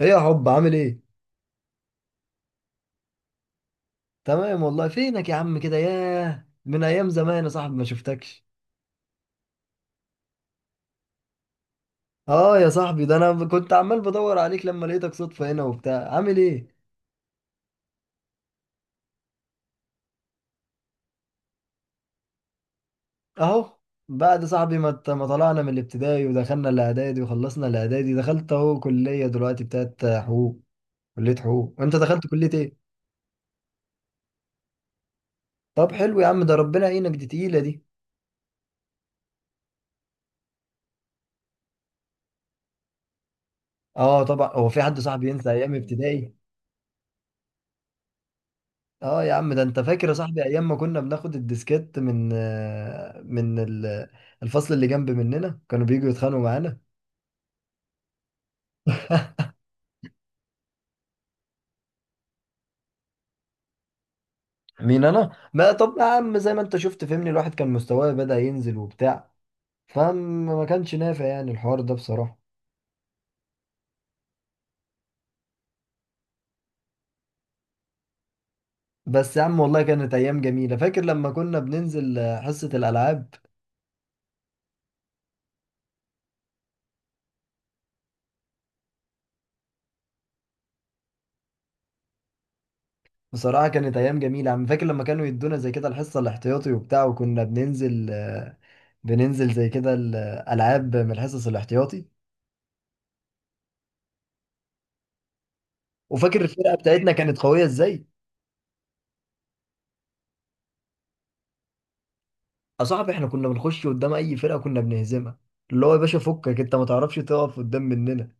ايه يا حب، عامل ايه؟ تمام والله. فينك يا عم؟ كده ياه، من ايام زمان يا صاحبي، ما شفتكش. اه يا صاحبي، ده انا كنت عمال بدور عليك لما لقيتك صدفة هنا وبتاع. عامل ايه؟ اهو، بعد صاحبي ما طلعنا من الابتدائي ودخلنا الاعدادي وخلصنا الاعدادي، دخلت اهو كلية دلوقتي بتاعت حقوق. كلية حقوق، وانت دخلت كلية ايه؟ طب حلو يا عم، ده ربنا يعينك، دي تقيلة دي. اه طبعا، هو في حد صاحبي ينسى ايام ابتدائي؟ اه يا عم، ده انت فاكر يا صاحبي ايام ما كنا بناخد الديسكات من الفصل اللي جنب مننا، كانوا بييجوا يتخانقوا معانا؟ مين انا؟ ما طب يا عم، زي ما انت شفت، فهمني، الواحد كان مستواه بدأ ينزل وبتاع، فما كانش نافع يعني الحوار ده بصراحة. بس يا عم والله كانت ايام جميلة. فاكر لما كنا بننزل حصة الالعاب؟ بصراحة كانت ايام جميلة يا عم. فاكر لما كانوا يدونا زي كده الحصة الاحتياطي وبتاع، وكنا بننزل زي كده الالعاب من الحصص الاحتياطي؟ وفاكر الفرقه بتاعتنا كانت قويه ازاي؟ يا صاحبي، احنا كنا بنخش قدام اي فرقه كنا بنهزمها. اللي هو يا باشا، فكك انت ما تعرفش تقف قدام مننا.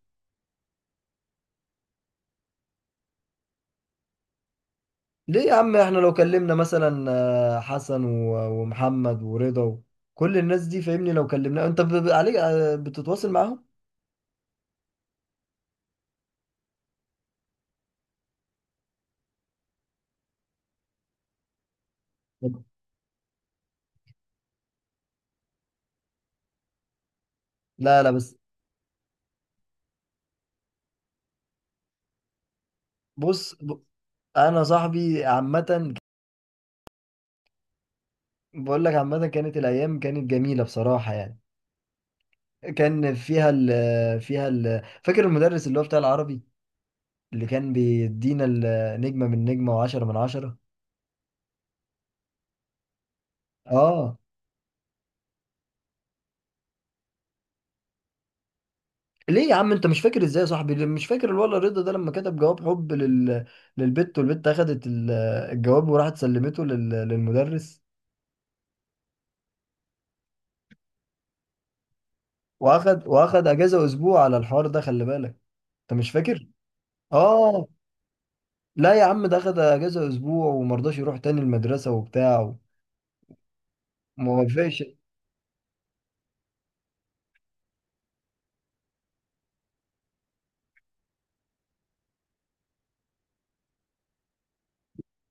ليه يا عم، احنا لو كلمنا مثلا حسن ومحمد ورضا كل الناس دي، فاهمني، لو كلمنا انت عليك بتتواصل معاهم؟ لا لا، بس. بص. انا صاحبي عامه. بقول لك عامه كانت الايام، كانت جميله بصراحه يعني. كان فيها ال فيها ال فاكر المدرس اللي هو بتاع العربي، اللي كان بيدينا النجمة من نجمة وعشرة من عشرة. اه. ليه يا عم، انت مش فاكر ازاي يا صاحبي؟ مش فاكر الولا رضا ده لما كتب جواب حب للبت، والبت اخدت الجواب وراحت سلمته للمدرس، واخد اجازة اسبوع على الحوار ده، خلي بالك؟ انت مش فاكر؟ اه. لا يا عم، ده اخد اجازة اسبوع ومرضاش يروح تاني المدرسة وبتاع. وما وافقش.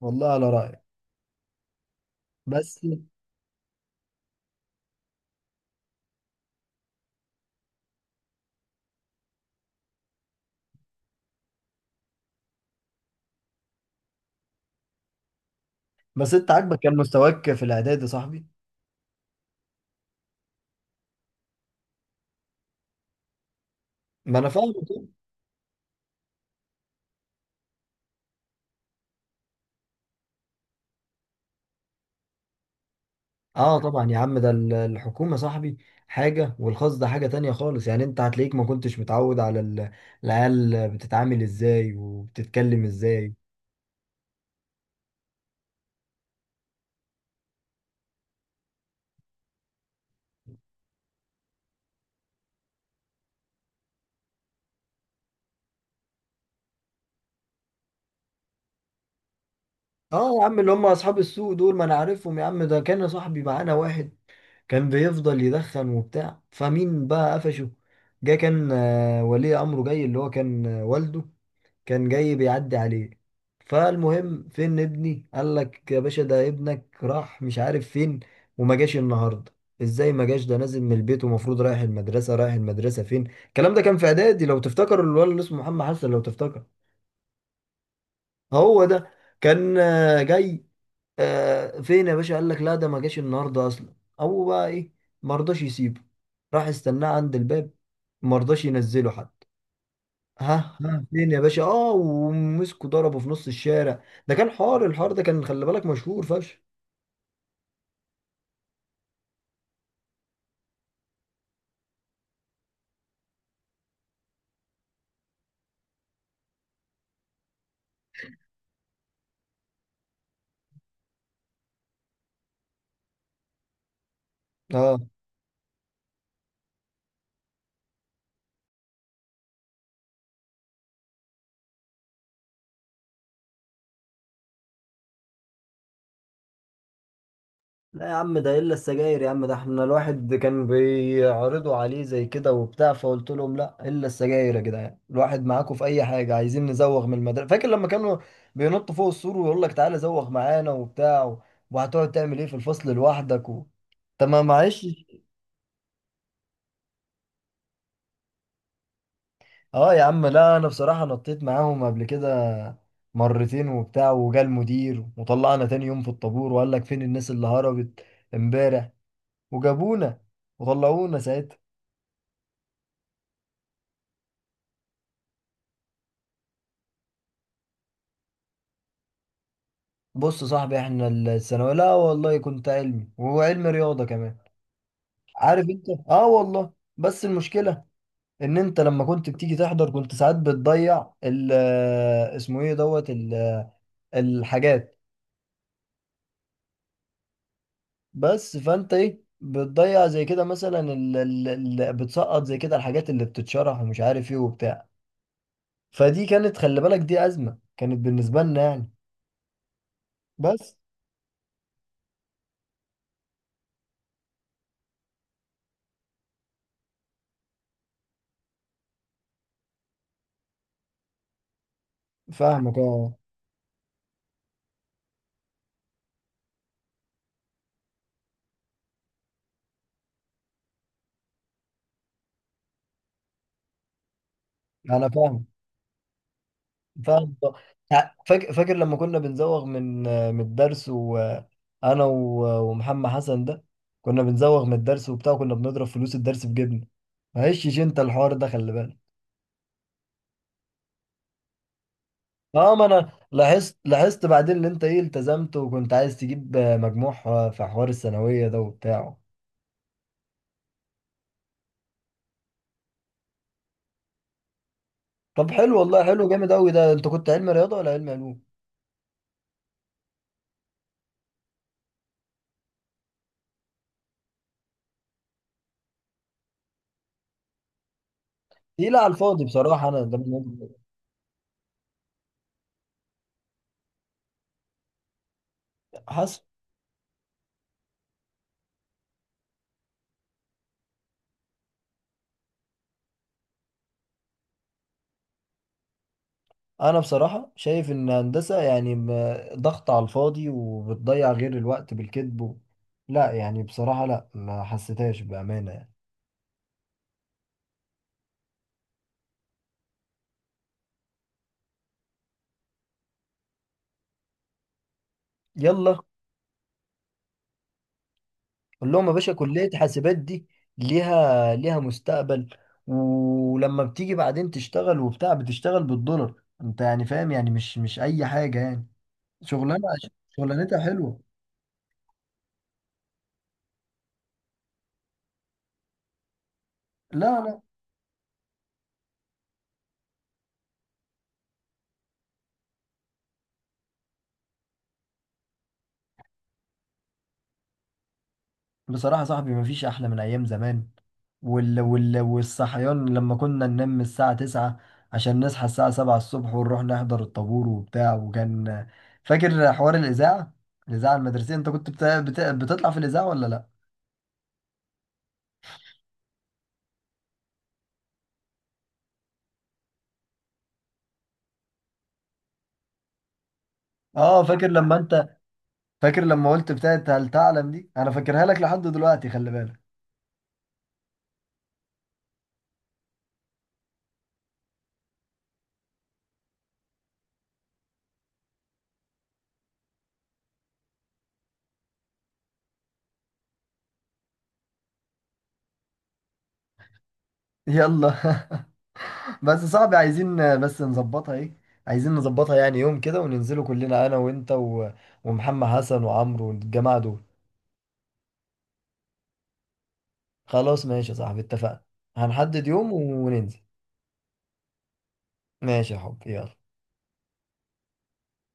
والله على رأيك. بس. بس انت عاجبك كان مستواك في الاعداد يا صاحبي؟ ما انا فاهم. اه طبعا يا عم، ده الحكومة صاحبي حاجة، والخاص ده حاجة تانية خالص يعني. انت هتلاقيك ما كنتش متعود على العيال بتتعامل ازاي وبتتكلم ازاي. اه يا عم، اللي هم اصحاب السوق دول، ما انا عارفهم يا عم. ده كان يا صاحبي معانا واحد كان بيفضل يدخن وبتاع، فمين بقى قفشه؟ جه كان ولي امره جاي، اللي هو كان والده. كان جاي بيعدي عليه. فالمهم، فين ابني؟ قال لك يا باشا، ده ابنك راح مش عارف فين، وما جاش النهارده. ازاي ما جاش؟ ده نازل من البيت ومفروض رايح المدرسه. رايح المدرسه فين؟ الكلام ده كان في اعدادي لو تفتكر. الولد اللي اسمه محمد حسن، لو تفتكر. هو ده. كان جاي. فين يا باشا؟ قال لك لا، ده ما جاش النهارده اصلا. هو بقى ايه؟ ما رضاش يسيبه. راح استناه عند الباب. ما رضاش ينزله حتى. ها ها، فين يا باشا؟ اه. ومسكوا، ضربوا في نص الشارع. ده كان حار. الحار ده كان، خلي بالك، مشهور فشخ. اه لا يا عم، ده الا السجاير يا عم. ده احنا الواحد كان بيعرضوا عليه زي كده وبتاع، فقلت لهم لا الا السجاير يا جدعان. الواحد معاكم في اي حاجه. عايزين نزوغ من المدرسه؟ فاكر لما كانوا بينطوا فوق السور ويقول لك تعالى زوغ معانا وبتاع، وهتقعد تعمل ايه في الفصل لوحدك؟ طب ما معلش. اه يا عم لا، انا بصراحة نطيت معاهم قبل كده مرتين وبتاع، وجا المدير وطلعنا تاني يوم في الطابور، وقال لك فين الناس اللي هربت امبارح؟ وجابونا وطلعونا ساعتها. بص يا صاحبي، احنا الثانوية لا والله، كنت علمي وعلم رياضة كمان، عارف انت؟ اه والله. بس المشكلة ان انت لما كنت بتيجي تحضر، كنت ساعات بتضيع ال اسمه ايه، دوت الحاجات. بس، فانت ايه بتضيع زي كده مثلا، اللي بتسقط زي كده، الحاجات اللي بتتشرح ومش عارف ايه وبتاع. فدي كانت خلي بالك، دي أزمة كانت بالنسبة لنا يعني. بس. فاهمك، اه. انا فاهم. فاهم. فاكر لما كنا بنزوغ من الدرس؟ وانا ومحمد حسن ده كنا بنزوغ من الدرس وبتاع، كنا بنضرب فلوس الدرس في جيبنا، ما هيشش انت الحوار ده، خلي بالك. اه، ما انا لاحظت بعدين ان انت ايه التزمت، وكنت عايز تجيب مجموع في حوار الثانويه ده وبتاعه. طب حلو والله، حلو جامد قوي. ده انت كنت علم رياضه ولا علم علوم؟ تقيله على الفاضي بصراحه. انا ده حاسس. انا بصراحه شايف ان هندسه يعني ضغط على الفاضي وبتضيع غير الوقت بالكذب. لا يعني بصراحه لا، ما حسيتهاش بامانه يعني. يلا. قول لهم يا باشا، كلية حاسبات دي ليها مستقبل، ولما بتيجي بعدين تشتغل وبتاع بتشتغل بالدولار، انت يعني فاهم، يعني مش اي حاجة يعني. شغلانة. شغلانتها حلوة. لا لا. بصراحة يا صاحبي، مفيش احلى من ايام زمان. والصحيان لما كنا ننام الساعة 9 عشان نصحى الساعة 7 الصبح، ونروح نحضر الطابور وبتاع. وكان فاكر حوار الإذاعة؟ الإذاعة المدرسية. أنت كنت بتطلع في الإذاعة ولا لأ؟ آه، فاكر لما أنت. فاكر لما قلت بتاعت هل تعلم دي؟ انا فاكرها لك لحد دلوقتي، خلي بالك. يلا بس صعب. عايزين بس نظبطها ايه. عايزين نظبطها يعني يوم كده، وننزلوا كلنا انا وانت ومحمد حسن وعمرو والجماعة دول. خلاص ماشي يا صاحبي، اتفقنا. هنحدد يوم وننزل. ماشي يا حب، يلا.